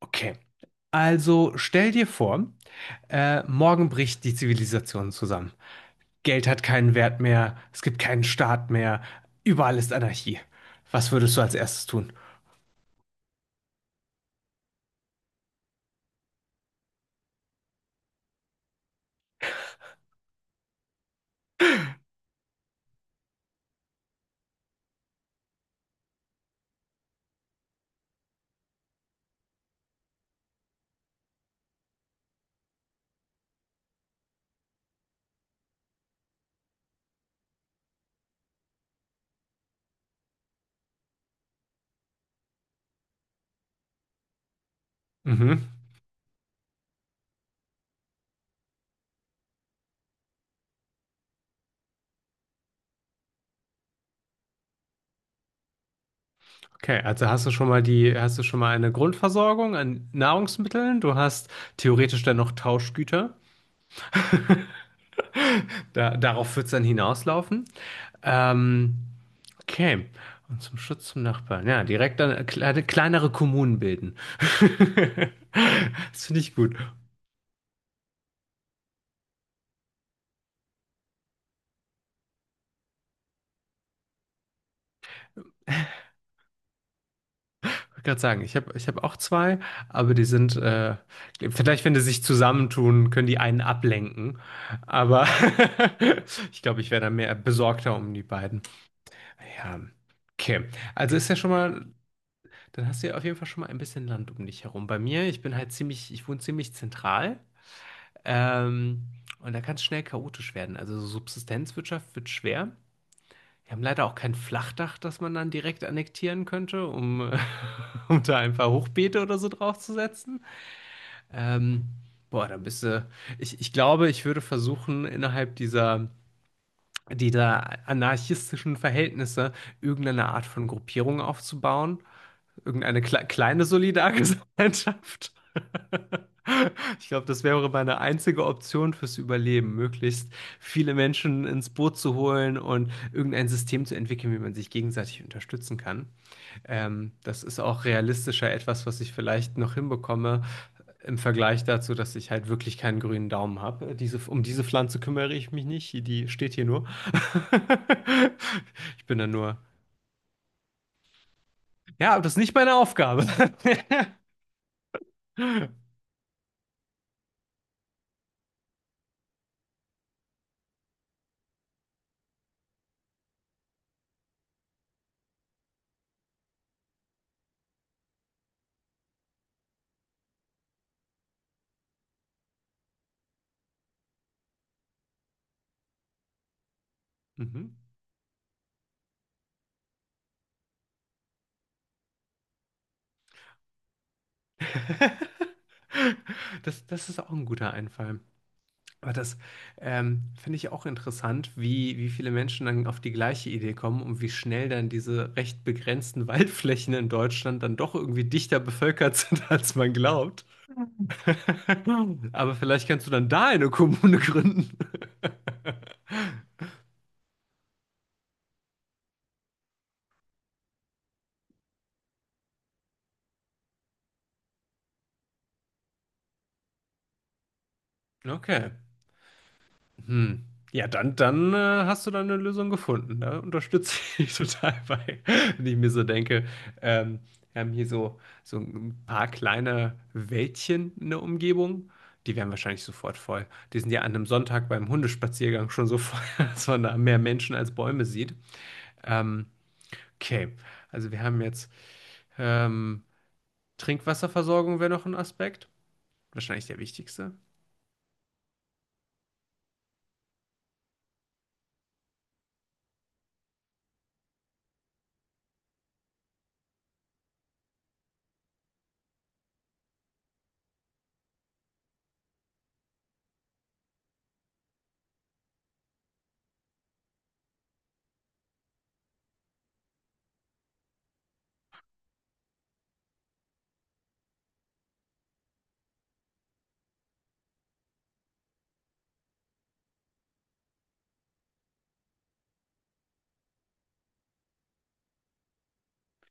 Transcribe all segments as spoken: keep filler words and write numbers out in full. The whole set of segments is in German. Okay. Also stell dir vor, äh, morgen bricht die Zivilisation zusammen. Geld hat keinen Wert mehr, es gibt keinen Staat mehr, überall ist Anarchie. Was würdest du als erstes tun? Mhm. Okay, also hast du schon mal die, hast du schon mal eine Grundversorgung an Nahrungsmitteln? Du hast theoretisch dann noch Tauschgüter. Da, darauf wird es dann hinauslaufen. Ähm, Okay. Und zum Schutz zum Nachbarn. Ja, direkt dann kleine, kleinere Kommunen bilden. Das finde ich gut. Ich wollte gerade sagen, ich habe ich hab auch zwei, aber die sind, äh, vielleicht wenn die sich zusammentun, können die einen ablenken. Aber ich glaube, ich wäre dann mehr besorgter um die beiden. Ja, okay. Also ist ja schon mal, dann hast du ja auf jeden Fall schon mal ein bisschen Land um dich herum. Bei mir, ich bin halt ziemlich, ich wohne ziemlich zentral. Ähm, und da kann es schnell chaotisch werden. Also so Subsistenzwirtschaft wird schwer. Wir haben leider auch kein Flachdach, das man dann direkt annektieren könnte, um, äh, um da ein paar Hochbeete oder so draufzusetzen. Ähm, boah, dann bist du. Ich, ich glaube, ich würde versuchen, innerhalb dieser, dieser anarchistischen Verhältnisse irgendeine Art von Gruppierung aufzubauen. Irgendeine kle kleine Solidargesellschaft. Ich glaube, das wäre meine einzige Option fürs Überleben, möglichst viele Menschen ins Boot zu holen und irgendein System zu entwickeln, wie man sich gegenseitig unterstützen kann. Ähm, das ist auch realistischer etwas, was ich vielleicht noch hinbekomme im Vergleich dazu, dass ich halt wirklich keinen grünen Daumen habe. Diese, um diese Pflanze kümmere ich mich nicht, die steht hier nur. Ich bin da nur. Ja, aber das ist nicht meine Aufgabe. Mhm. Das, das ist auch ein guter Einfall. Aber das ähm, finde ich auch interessant, wie, wie viele Menschen dann auf die gleiche Idee kommen und wie schnell dann diese recht begrenzten Waldflächen in Deutschland dann doch irgendwie dichter bevölkert sind, als man glaubt. Aber vielleicht kannst du dann da eine Kommune gründen. Okay. Hm. Ja, dann, dann äh, hast du da eine Lösung gefunden. Da unterstütze ich dich total bei, wenn ich mir so denke. Ähm, wir haben hier so, so ein paar kleine Wäldchen in der Umgebung. Die wären wahrscheinlich sofort voll. Die sind ja an einem Sonntag beim Hundespaziergang schon so voll, dass man da mehr Menschen als Bäume sieht. Ähm, okay, also wir haben jetzt ähm, Trinkwasserversorgung wäre noch ein Aspekt. Wahrscheinlich der wichtigste.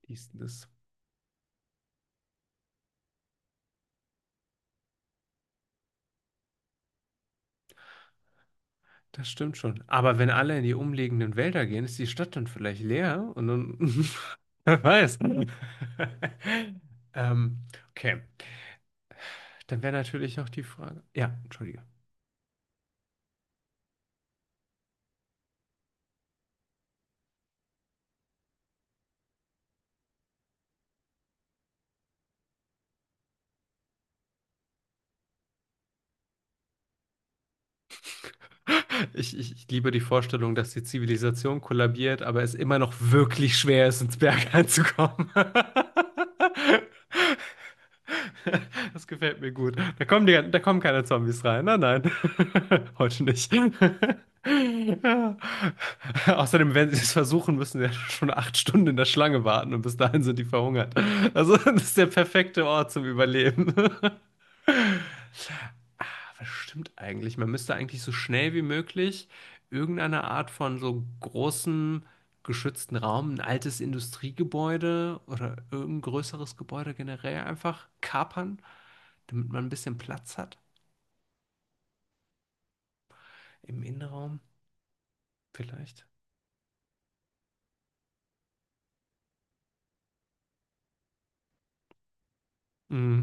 Fließendes. Das stimmt schon. Aber wenn alle in die umliegenden Wälder gehen, ist die Stadt dann vielleicht leer und dann, wer weiß. Ähm, okay, dann wäre natürlich noch die Frage. Ja, entschuldige. Ich, ich, ich liebe die Vorstellung, dass die Zivilisation kollabiert, aber es immer noch wirklich schwer ist, ins Berg reinzukommen. Das gefällt mir gut. Da kommen die, da kommen keine Zombies rein. Nein, nein. Heute nicht. Ja. Außerdem, wenn sie es versuchen, müssen sie ja schon acht Stunden in der Schlange warten und bis dahin sind die verhungert. Also, das ist der perfekte Ort zum Überleben. Was stimmt eigentlich? Man müsste eigentlich so schnell wie möglich irgendeine Art von so großem geschützten Raum, ein altes Industriegebäude oder irgendein größeres Gebäude generell einfach kapern, damit man ein bisschen Platz hat im Innenraum vielleicht. Mm.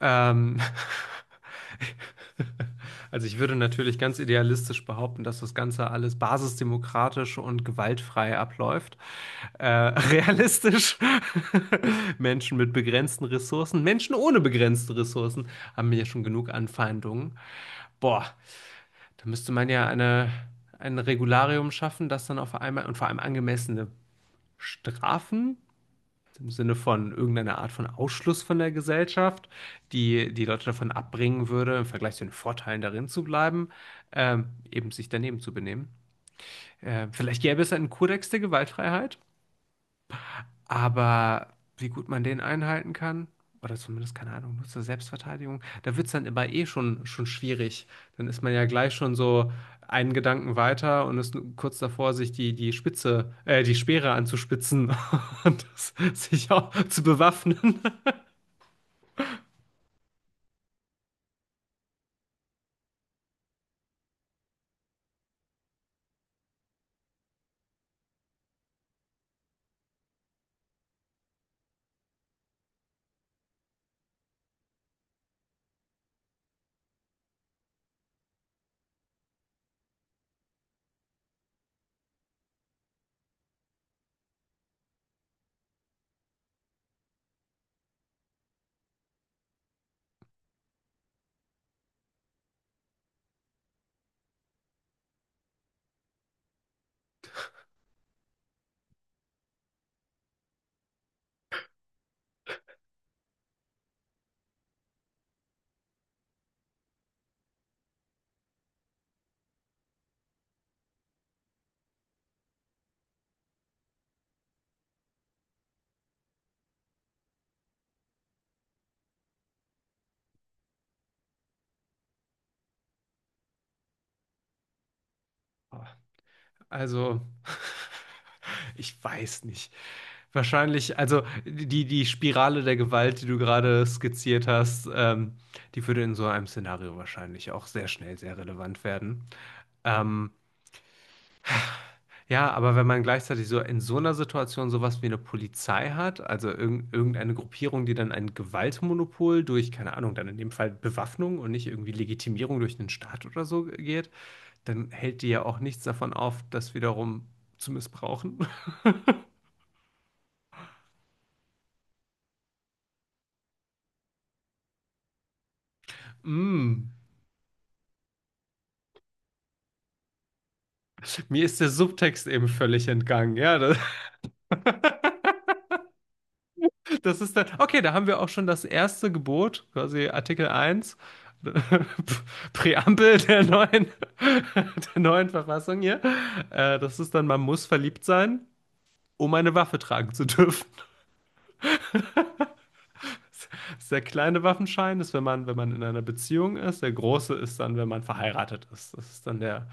Ähm, also ich würde natürlich ganz idealistisch behaupten, dass das Ganze alles basisdemokratisch und gewaltfrei abläuft. Äh, realistisch, Menschen mit begrenzten Ressourcen, Menschen ohne begrenzte Ressourcen haben ja schon genug Anfeindungen. Boah, da müsste man ja eine, ein Regularium schaffen, das dann auf einmal und vor allem angemessene Strafen im Sinne von irgendeiner Art von Ausschluss von der Gesellschaft, die die Leute davon abbringen würde, im Vergleich zu den Vorteilen darin zu bleiben, ähm, eben sich daneben zu benehmen. Äh, vielleicht gäbe es einen Kodex der Gewaltfreiheit, aber wie gut man den einhalten kann, oder zumindest, keine Ahnung, nur zur Selbstverteidigung, da wird es dann immer eh schon, schon schwierig. Dann ist man ja gleich schon so einen Gedanken weiter und ist kurz davor, sich die, die Spitze, äh, die Speere anzuspitzen und das, sich auch zu bewaffnen. Also, ich weiß nicht. Wahrscheinlich, also die, die Spirale der Gewalt, die du gerade skizziert hast, ähm, die würde in so einem Szenario wahrscheinlich auch sehr schnell sehr relevant werden. Ähm, ja, aber wenn man gleichzeitig so in so einer Situation sowas wie eine Polizei hat, also irgend irgendeine Gruppierung, die dann ein Gewaltmonopol durch, keine Ahnung, dann in dem Fall Bewaffnung und nicht irgendwie Legitimierung durch 'nen Staat oder so geht, dann hält die ja auch nichts davon auf, das wiederum zu missbrauchen. Hm, mir ist der Subtext eben völlig entgangen. Ja, da. Das ist dann, okay, da haben wir auch schon das erste Gebot, quasi Artikel eins Präambel der neuen, der neuen Verfassung hier. Äh, das ist dann, man muss verliebt sein, um eine Waffe tragen zu dürfen. Das ist der kleine Waffenschein ist, wenn man, wenn man in einer Beziehung ist. Der große ist dann, wenn man verheiratet ist. Das ist dann der,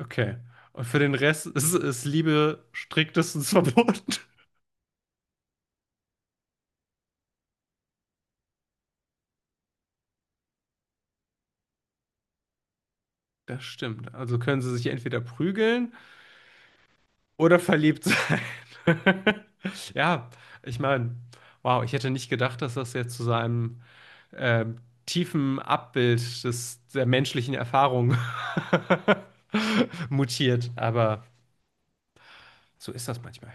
okay. Und für den Rest ist, ist Liebe striktestens verboten. Das stimmt. Also können sie sich entweder prügeln oder verliebt sein. Ja, ich meine, wow, ich hätte nicht gedacht, dass das jetzt zu seinem ähm, tiefen Abbild des, der menschlichen Erfahrung mutiert. Aber so ist das manchmal.